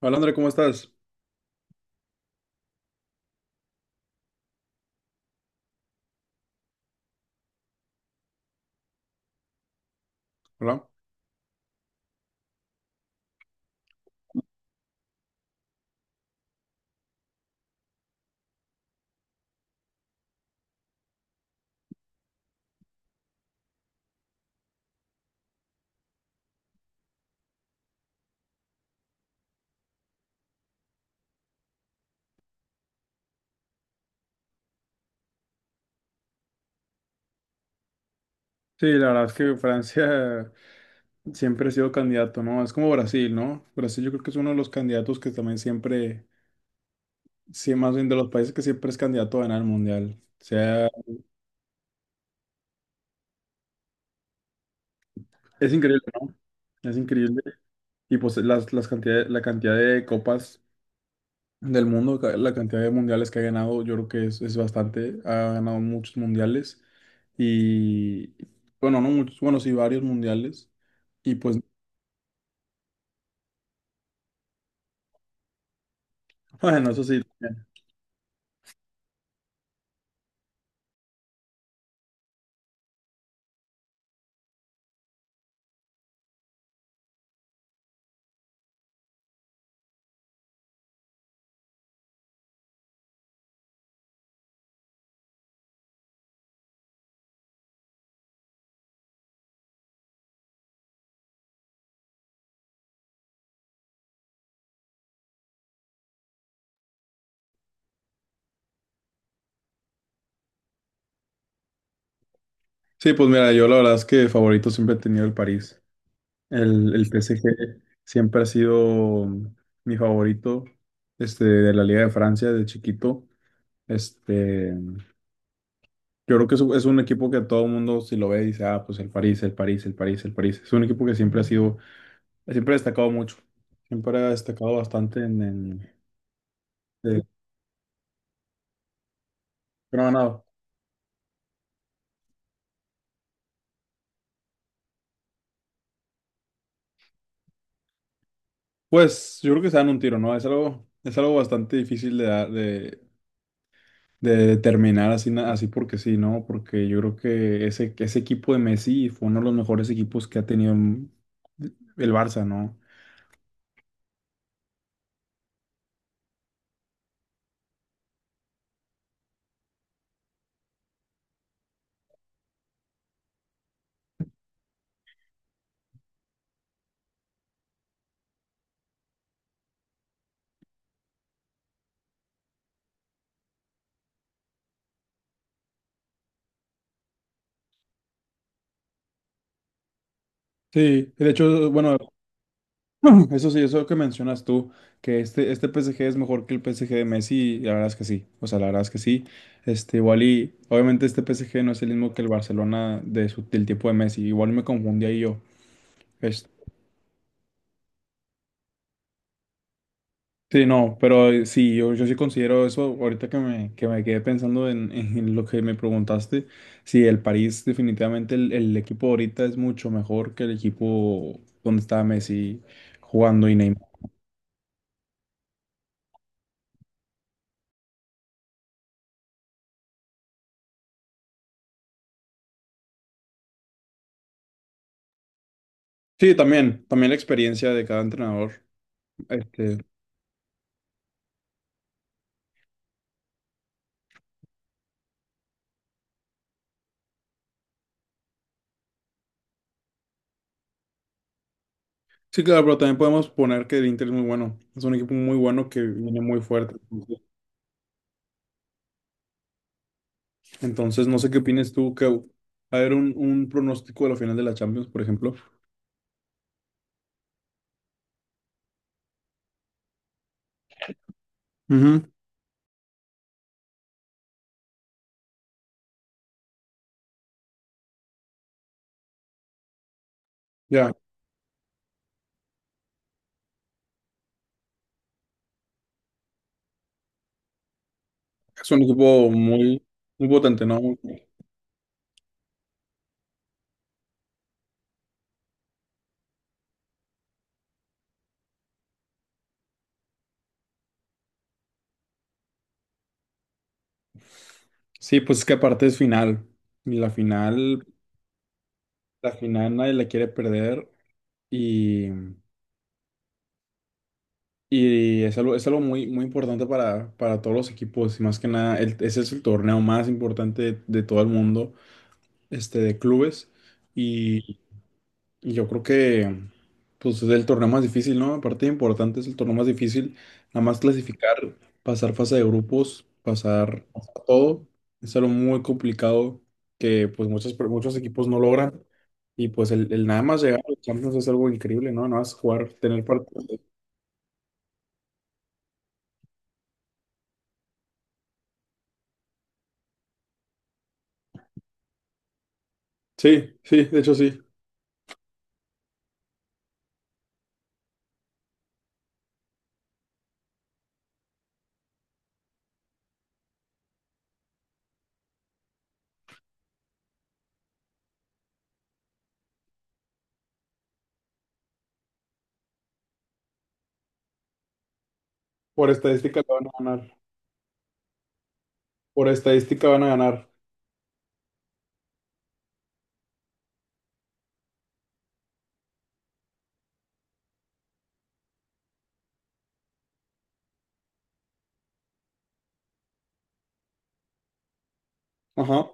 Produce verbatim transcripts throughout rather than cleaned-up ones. Hola André, ¿cómo estás? Hola. Sí, la verdad es que Francia siempre ha sido candidato, ¿no? Es como Brasil, ¿no? Brasil yo creo que es uno de los candidatos que también siempre, sí, más bien de los países que siempre es candidato a ganar el mundial. O sea, es increíble, ¿no? Es increíble. Y pues las, las cantidades, la cantidad de copas del mundo, ca- la cantidad de mundiales que ha ganado, yo creo que es, es bastante. Ha ganado muchos mundiales y, bueno, no muchos, bueno, sí, varios mundiales. Y pues, bueno, eso sí. Sí, pues mira, yo la verdad es que favorito siempre he tenido el París. El, el P S G siempre ha sido mi favorito, este, de la Liga de Francia de chiquito. Este, yo creo que es, un es un equipo que todo el mundo si lo ve dice, ah, pues el París, el París, el París, el París. Es un equipo que siempre ha sido, siempre ha destacado mucho. Siempre ha destacado bastante en, en de- pero no, no. Pues yo creo que se dan un tiro, ¿no? Es algo, es algo bastante difícil de dar, de, de terminar así, na- así porque sí, ¿no? Porque yo creo que ese, que ese equipo de Messi fue uno de los mejores equipos que ha tenido el el Barça, ¿no? Sí, de hecho, bueno, eso sí, eso que mencionas tú, que este, este P S G es mejor que el P S G de Messi, la verdad es que sí, o sea, la verdad es que sí. Este, igual y, obviamente este P S G no es el mismo que el Barcelona de su, del tiempo de Messi, igual me confundí ahí yo. Sí, no, pero eh, sí, yo, yo sí considero eso, ahorita que me, que me quedé pensando en, en lo que me preguntaste, sí, el París definitivamente, el, el equipo ahorita es mucho mejor que el equipo donde estaba Messi jugando y Neymar. Sí, también, también la experiencia de cada entrenador. Este, sí, claro, pero también podemos poner que el Inter es muy bueno, es un equipo muy bueno que viene muy fuerte. Entonces, no sé qué opinas tú, que va a ver un, un pronóstico de la final de la Champions, por ejemplo. Ujú. Ya. Es un equipo muy, muy potente, ¿no? Sí, pues es que aparte es final. Y la final, la final nadie la quiere perder. Y, y es algo, es algo muy, muy importante para, para todos los equipos. Y más que nada, el- ese es el torneo más importante de, de todo el mundo, este, de clubes. y Y Yo creo que pues es el torneo más difícil, ¿no? Aparte importante es el torneo más difícil, nada más clasificar, pasar fase de grupos, pasar, pasar todo, es algo muy complicado que pues muchos, muchos equipos no logran y pues el, el nada más llegar a los Champions es algo increíble, ¿no? Nada más jugar, tener partidos. de- Sí, sí, de hecho sí, por estadística la van a ganar, por estadística van a ganar, ajá,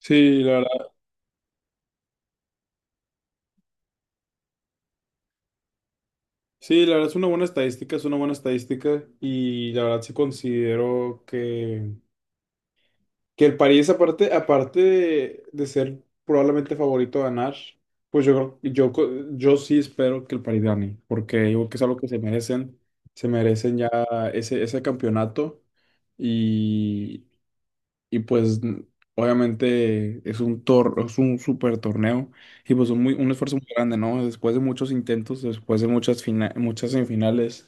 sí, la sí, la verdad es una buena estadística, es una buena estadística y la verdad sí considero que, que el París aparte, aparte de, de ser probablemente favorito a ganar, pues yo, creo- yo, co- yo sí espero que el París gane, porque yo creo que es algo que se merecen, se merecen ya ese, ese campeonato y, y pues obviamente es un tor es un super torneo. Y pues un, muy, un esfuerzo muy grande, ¿no? Después de muchos intentos, después de muchas, fina- muchas semifinales,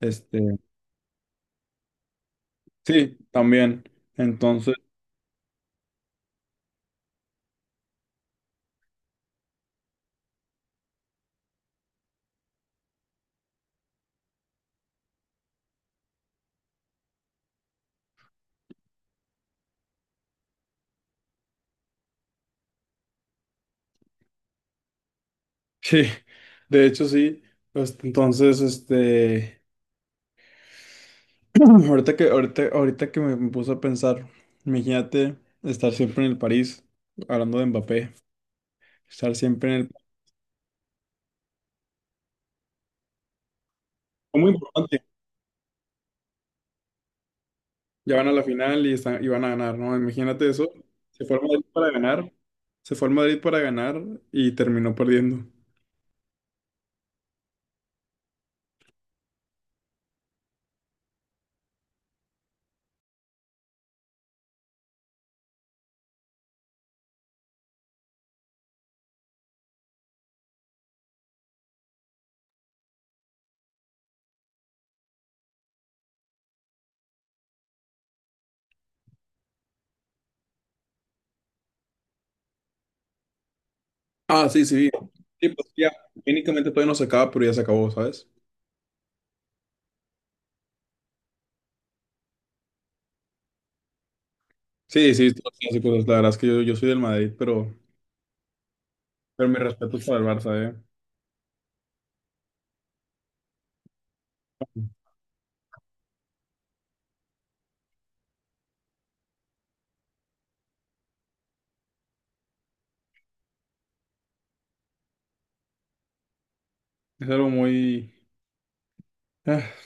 este, sí, también. Entonces, sí, de hecho sí. Pues, entonces, este, ahorita que, ahorita, ahorita que me, me puse a pensar, imagínate estar siempre en el París, hablando de Mbappé, estar siempre en el es muy importante. Ya van a la final y están, y van a ganar, ¿no? Imagínate eso. Se fue al Madrid para ganar, se fue al Madrid para ganar y terminó perdiendo. Ah, sí, sí. Sí, pues ya, técnicamente todavía no se acaba, pero ya se acabó, ¿sabes? Sí, sí, todos los clásicos. La verdad es que yo, yo soy del Madrid, pero, pero mi respeto es para el Barça, ¿eh? Es algo muy... ah,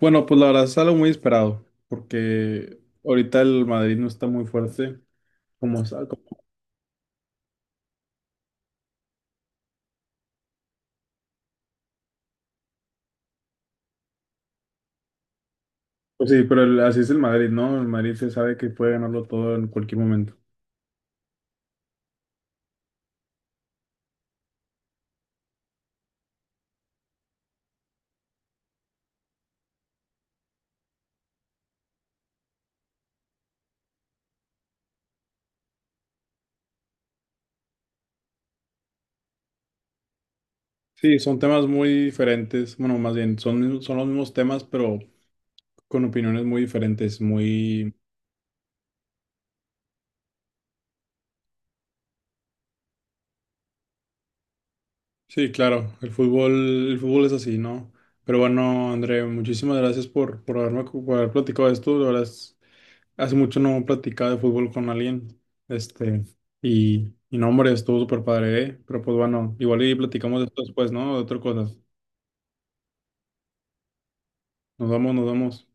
Bueno, pues la verdad es algo muy esperado, porque ahorita el Madrid no está muy fuerte, como, sa- como- pues sí, pero el- así es el Madrid, ¿no? El Madrid se sabe que puede ganarlo todo en cualquier momento. Sí, son temas muy diferentes, bueno, más bien, son, son los mismos temas, pero con opiniones muy diferentes, muy... Sí, claro, el fútbol, el fútbol, es así, ¿no? Pero bueno, André, muchísimas gracias por, por haberme, por haber platicado de esto. La verdad es- hace mucho no platicaba de fútbol con alguien. Este, y, y no, hombre, estuvo súper padre, ¿eh? Pero pues bueno, igual y platicamos de esto después, ¿no? De otras cosas. Nos vamos, nos vamos.